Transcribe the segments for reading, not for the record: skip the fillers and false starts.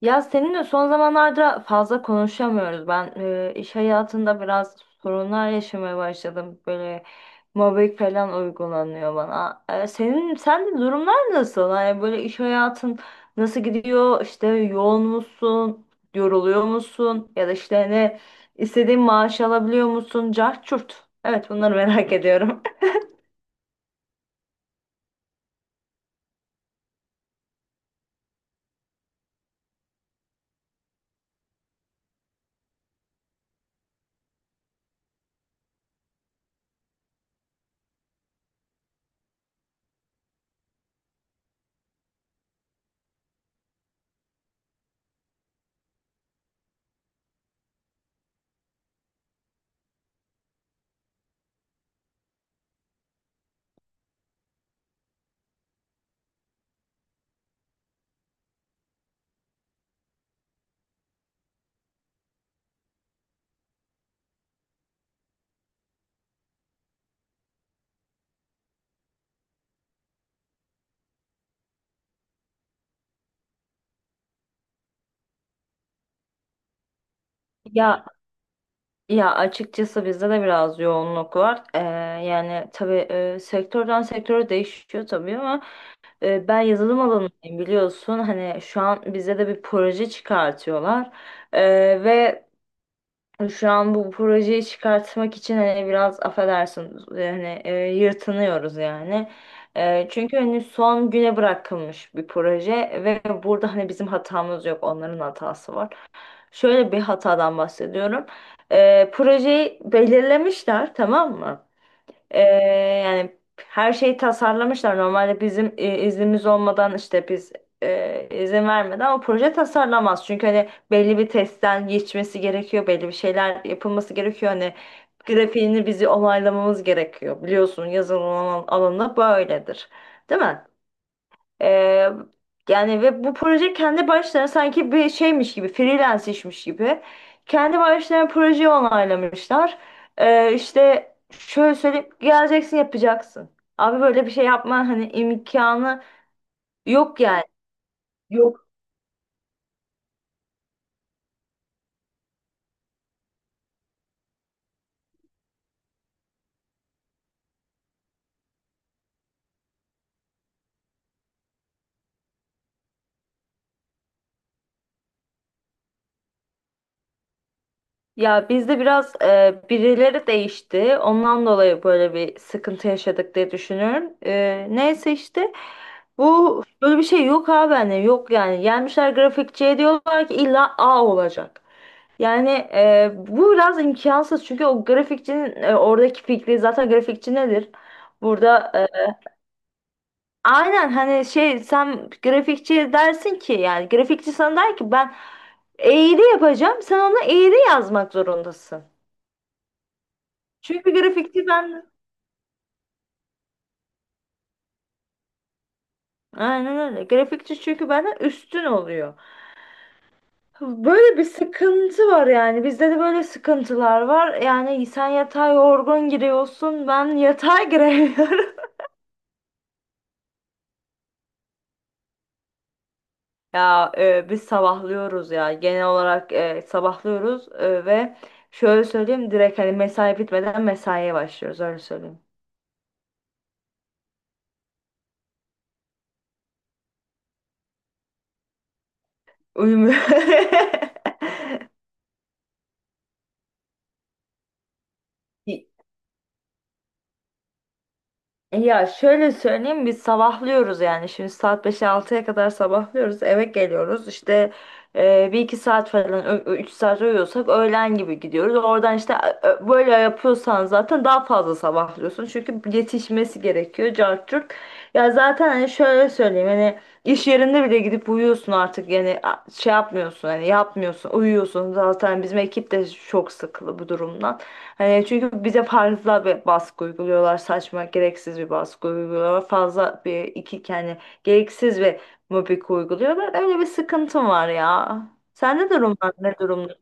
Ya seninle son zamanlarda fazla konuşamıyoruz. Ben iş hayatında biraz sorunlar yaşamaya başladım. Böyle mobbing falan uygulanıyor bana. Sen de durumlar nasıl? Hani böyle iş hayatın nasıl gidiyor? İşte yoğun musun? Yoruluyor musun? Ya da işte ne istediğin maaş alabiliyor musun? Cart çurt. Evet, bunları merak ediyorum. Ya Ya açıkçası bizde de biraz yoğunluk var. Yani tabii sektörden sektöre değişiyor tabii ama ben yazılım alanındayım, biliyorsun. Hani şu an bize de bir proje çıkartıyorlar. Ve şu an bu projeyi çıkartmak için hani biraz affedersin yani yırtınıyoruz yani. Çünkü hani son güne bırakılmış bir proje ve burada hani bizim hatamız yok, onların hatası var. Şöyle bir hatadan bahsediyorum. Projeyi belirlemişler, tamam mı? Ee, yani her şeyi tasarlamışlar. Normalde bizim iznimiz olmadan işte biz izin vermeden o proje tasarlamaz. Çünkü hani belli bir testten geçmesi gerekiyor, belli bir şeyler yapılması gerekiyor. Hani grafiğini bizi onaylamamız gerekiyor. Biliyorsun, yazılım alanında böyledir. Değil mi? Ee, yani ve bu proje kendi başlarına sanki bir şeymiş gibi, freelance işmiş gibi. Kendi başlarına projeyi onaylamışlar. İşte şöyle söyleyip geleceksin, yapacaksın. Abi böyle bir şey yapma, hani imkanı yok yani. Yok. Ya bizde biraz birileri değişti. Ondan dolayı böyle bir sıkıntı yaşadık diye düşünüyorum. Neyse işte, bu böyle bir şey yok abi, hani yok yani. Gelmişler grafikçiye diyorlar ki illa A olacak. Yani bu biraz imkansız çünkü o grafikçinin oradaki fikri, zaten grafikçi nedir? Burada aynen hani, şey, sen grafikçi dersin ki, yani grafikçi sana der ki ben eğri yapacağım, sen ona eğri yazmak zorundasın. Çünkü grafikçi ben aynen öyle, grafikçi çünkü benden üstün oluyor. Böyle bir sıkıntı var yani, bizde de böyle sıkıntılar var yani. Sen yatağa yorgun giriyorsun, ben yatağa giremiyorum. Ya biz sabahlıyoruz ya, genel olarak sabahlıyoruz ve şöyle söyleyeyim, direkt hani mesai bitmeden mesaiye başlıyoruz, öyle söyleyeyim. Uyumuyor. Ya şöyle söyleyeyim, biz sabahlıyoruz yani. Şimdi saat 5'e 6'ya kadar sabahlıyoruz, eve geliyoruz, işte bir iki saat falan, 3 saat uyuyorsak öğlen gibi gidiyoruz oradan, işte böyle yapıyorsan zaten daha fazla sabahlıyorsun, çünkü yetişmesi gerekiyor, cart curt. Ya zaten hani, şöyle söyleyeyim hani, iş yerinde bile gidip uyuyorsun artık yani, şey yapmıyorsun, hani yapmıyorsun, uyuyorsun. Zaten bizim ekip de çok sıkılı bu durumdan. Hani, çünkü bize fazla bir baskı uyguluyorlar, saçma gereksiz bir baskı uyguluyorlar, fazla bir iki yani gereksiz bir mobbing uyguluyorlar. Öyle bir sıkıntım var ya. Sende durumlar ne durumda?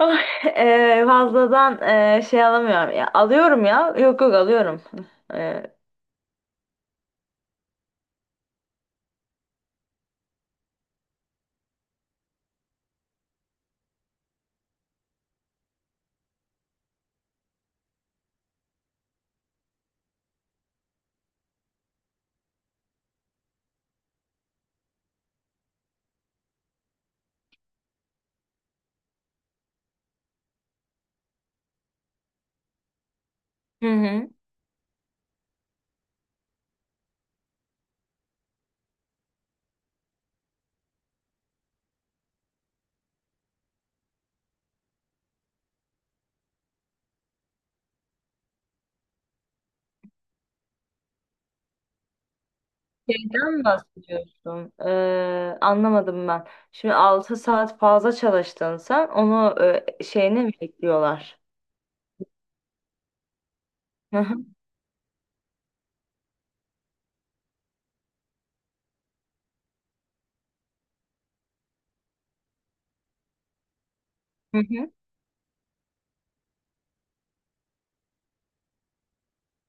Oh, fazladan şey alamıyorum ya. Alıyorum ya. Yok yok, alıyorum. Eee, Hı hı. Şeyden mi bahsediyorsun? Anlamadım ben. Şimdi 6 saat fazla çalıştın sen. Onu şeyini mi ekliyorlar? Hı hı. Hı hı.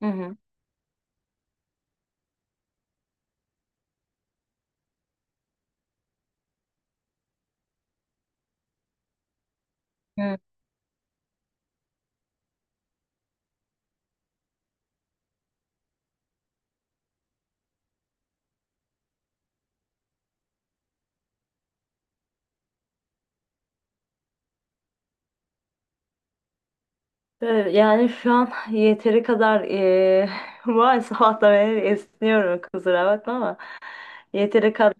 Hı hı. Evet. Yani şu an yeteri kadar maalesef, hatta ben esniyorum, kusura bakma, ama yeteri kadar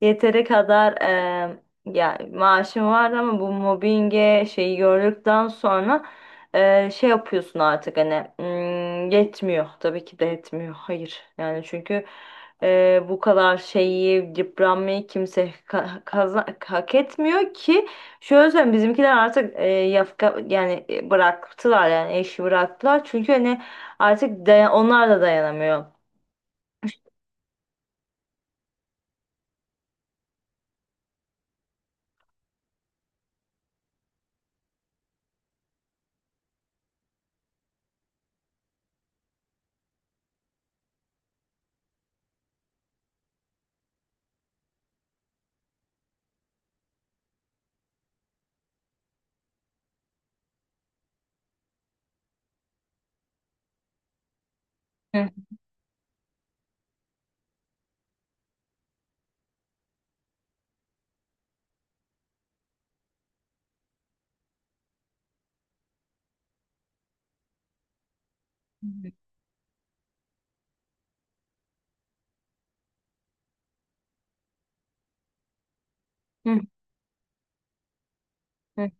Yeteri kadar, ya maaşım vardı ama bu mobbinge şeyi gördükten sonra şey yapıyorsun artık hani, yetmiyor, tabii ki de yetmiyor, hayır. Yani çünkü bu kadar şeyi, yıpranmayı kimse hak etmiyor ki. Şöyle söyleyeyim, bizimkiler artık yafka yani, bıraktılar yani, eşi bıraktılar, çünkü hani artık onlar da dayanamıyor. Hı hı. Hı.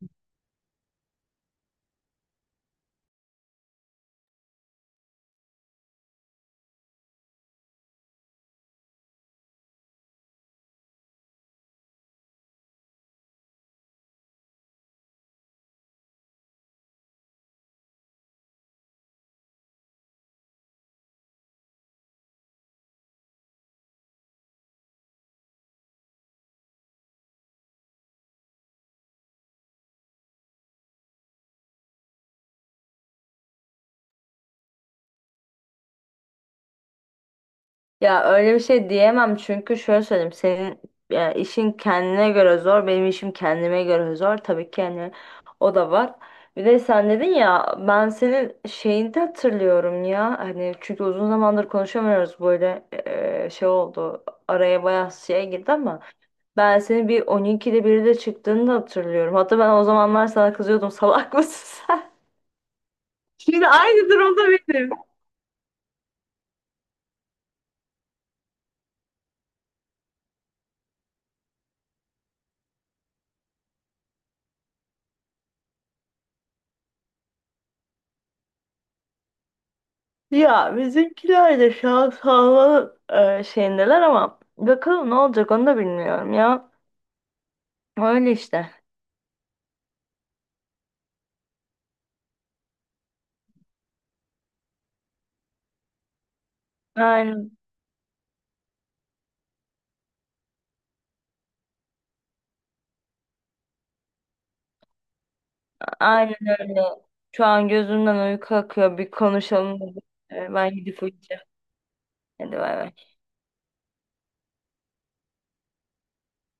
Ya öyle bir şey diyemem, çünkü şöyle söyleyeyim, senin ya, işin kendine göre zor, benim işim kendime göre zor, tabii ki yani. O da var. Bir de sen dedin ya, ben senin şeyini de hatırlıyorum ya, hani, çünkü uzun zamandır konuşamıyoruz böyle, şey oldu, araya bayağı şey girdi ama ben seni bir 12'de biri de çıktığını da hatırlıyorum. Hatta ben o zamanlar sana kızıyordum, salak mısın sen? Şimdi aynı durumda benim. Ya bizimkiler de şu an sağlığı şeyindeler ama bakalım ne olacak, onu da bilmiyorum ya. Öyle işte. Aynen, aynen öyle. Şu an gözümden uyku akıyor. Bir konuşalım, dedik. Ben gidip uyuyacağım. Hadi bay bay.